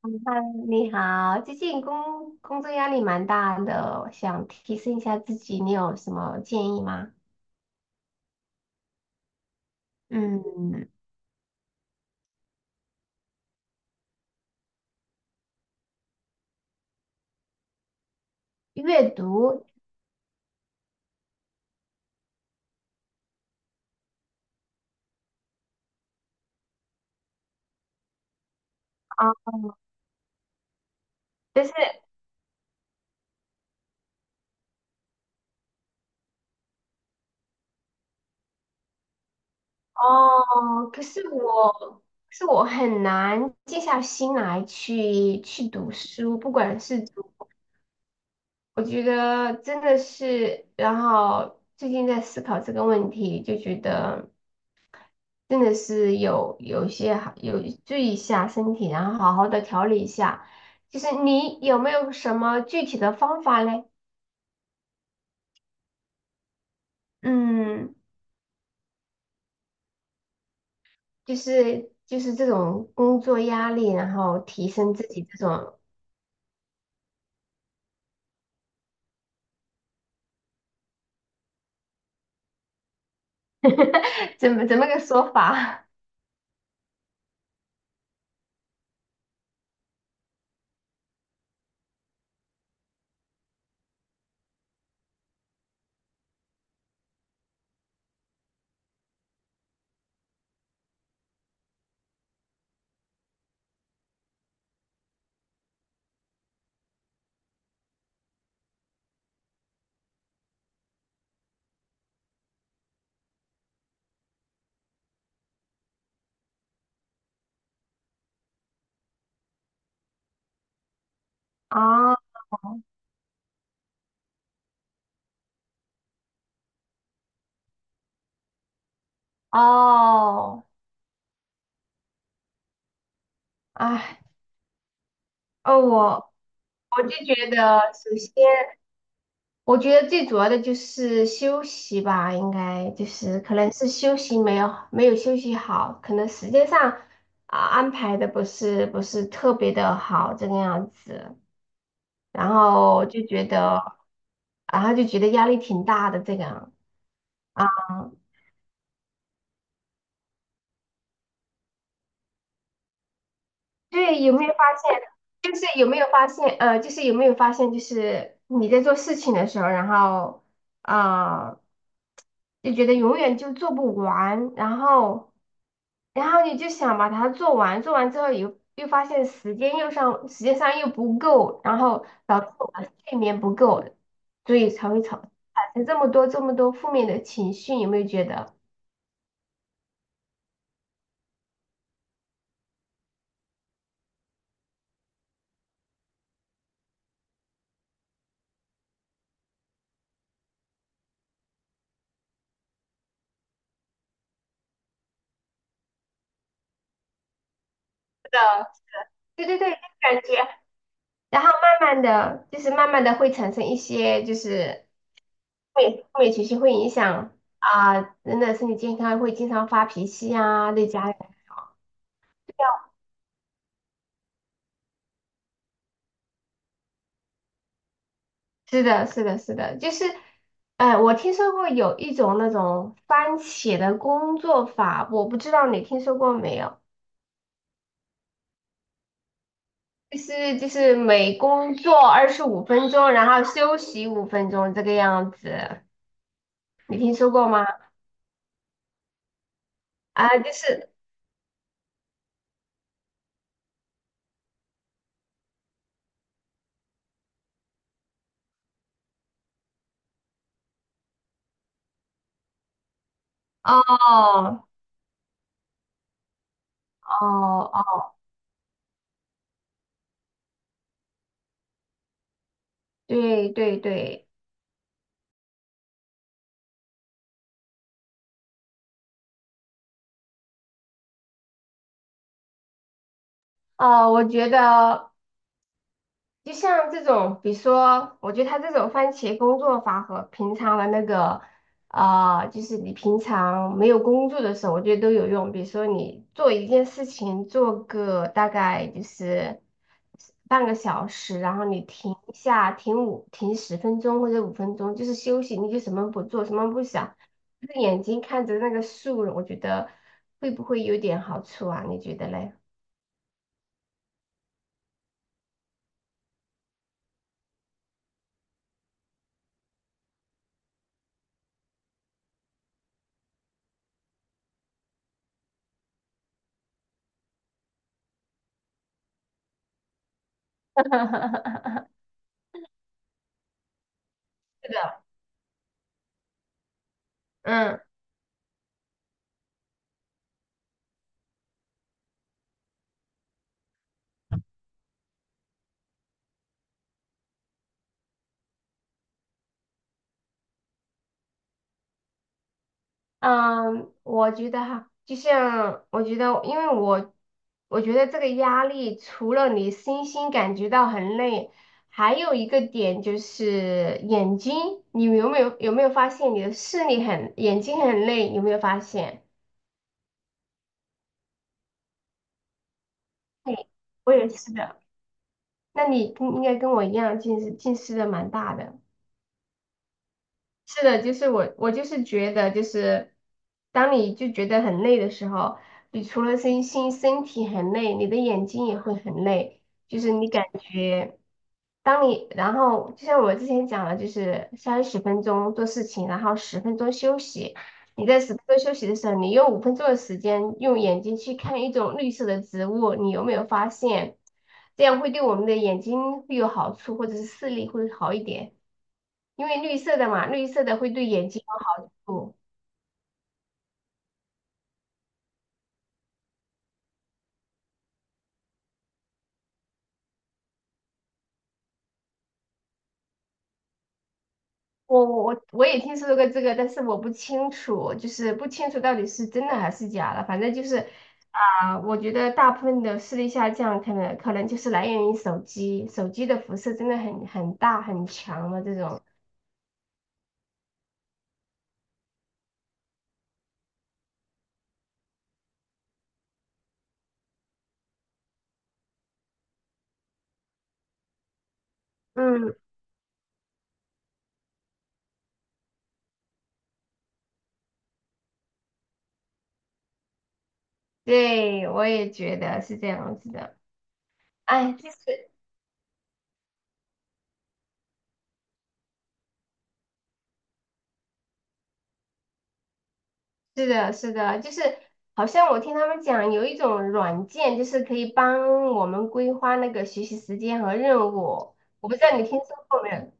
嗯嗨你好，最近工作压力蛮大的，想提升一下自己，你有什么建议吗？嗯，阅读啊，但是哦，可是我，可是我很难静下心来去读书，不管是读，我觉得真的是，然后最近在思考这个问题，就觉得。真的是有一些好有注意一下身体，然后好好的调理一下。就是你有没有什么具体的方法嘞？嗯，就是这种工作压力，然后提升自己这种 怎么个说法啊？哦，哎，哦，我就觉得，首先我觉得最主要的就是休息吧，应该就是可能是休息没有休息好，可能时间上啊安排的不是特别的好这个样子，然后就觉得，然后就觉得压力挺大的这个啊，对，有没有发现？就是有没有发现？就是有没有发现？就是你在做事情的时候，然后啊、就觉得永远就做不完，然后。然后你就想把它做完，做完之后又发现时间又上，时间上又不够，然后导致我的睡眠不够，所以才会产产生这么多负面的情绪，有没有觉得？对对对，感觉。然后慢慢的，就是慢慢的会产生一些就是负面情绪，会影响啊、人的身体健康，会经常发脾气啊，对家人。是的，是的，是的，就是，哎，我听说过有一种那种番茄的工作法，我不知道你听说过没有？就是每工作25分钟，然后休息五分钟这个样子，你听说过吗？啊，就是哦哦哦，对对对，哦，我觉得。就像这种，比如说，我觉得他这种番茄工作法和平常的那个，啊、就是你平常没有工作的时候，我觉得都有用。比如说，你做一件事情，做个大概就是半个小时，然后你停一下，停五停十分钟或者五分钟，就是休息，你就什么不做，什么不想，就是眼睛看着那个树，我觉得会不会有点好处啊？你觉得嘞？嗯，嗯，我觉得哈，就像我觉得，因为我觉得这个压力除了你身心感觉到很累，还有一个点就是眼睛，你有没有发现你的视力很眼睛很累？有没有发现？对，我也是的。那你应该跟我一样，近视的蛮大的。是的，就是我，我就是觉得，就是当你就觉得很累的时候，你除了身心身体很累，你的眼睛也会很累，就是你感觉，当你然后就像我之前讲的，就是30分钟做事情，然后十分钟休息。你在十分钟休息的时候，你用五分钟的时间用眼睛去看一种绿色的植物，你有没有发现？这样会对我们的眼睛会有好处，或者是视力会好一点。因为绿色的嘛，绿色的会对眼睛有好处。我也听说过这个，但是我不清楚，就是不清楚到底是真的还是假的。反正就是啊、我觉得大部分的视力下降，可能就是来源于手机，手机的辐射真的很大很强的这种。嗯，对，我也觉得是这样子的。哎，其实是的，是的，就是好像我听他们讲有一种软件，就是可以帮我们规划那个学习时间和任务。我不知道你听说过没有？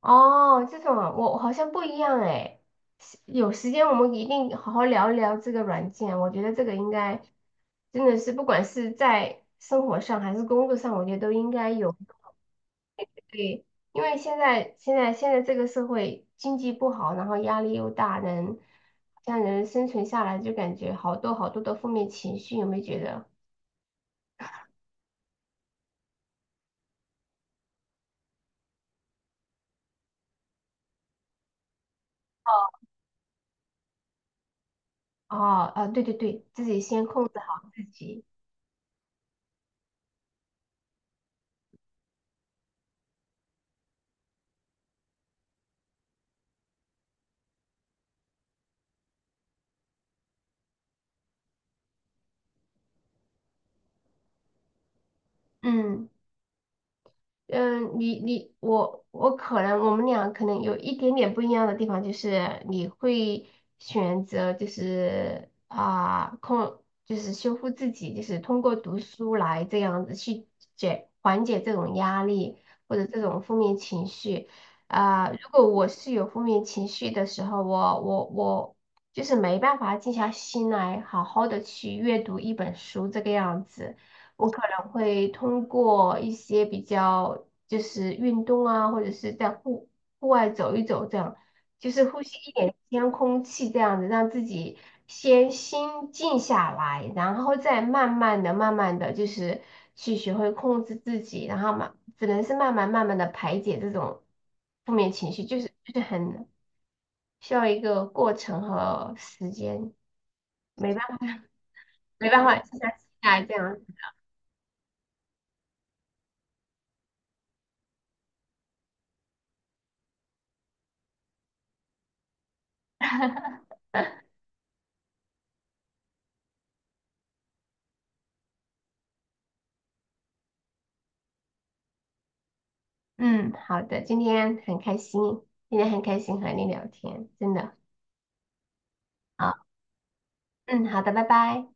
哦，这种啊我好像不一样哎。是有时间我们一定好好聊一聊这个软件，我觉得这个应该真的是不管是在生活上还是工作上，我觉得都应该有。对，因为现在这个社会经济不好，然后压力又大，人好像人生存下来就感觉好多好多的负面情绪，有没有觉得？哦，啊，对对对，自己先控制自己，嗯。嗯，你你我可能我们俩可能有一点点不一样的地方，就是你会选择就是啊控就是修复自己，就是通过读书来这样子去解缓解这种压力或者这种负面情绪啊。如果我是有负面情绪的时候，我就是没办法静下心来好好的去阅读一本书这个样子。我可能会通过一些比较就是运动啊，或者是在户户外走一走，这样就是呼吸一点新鲜空气，这样子让自己先心静下来，然后再慢慢的、慢慢的就是去学会控制自己，然后嘛，只能是慢慢、慢慢的排解这种负面情绪，就是很需要一个过程和时间，没办法，没办法，静下心来这样。嗯，好的，今天很开心，今天很开心和你聊天，真的。好，嗯，好的，拜拜。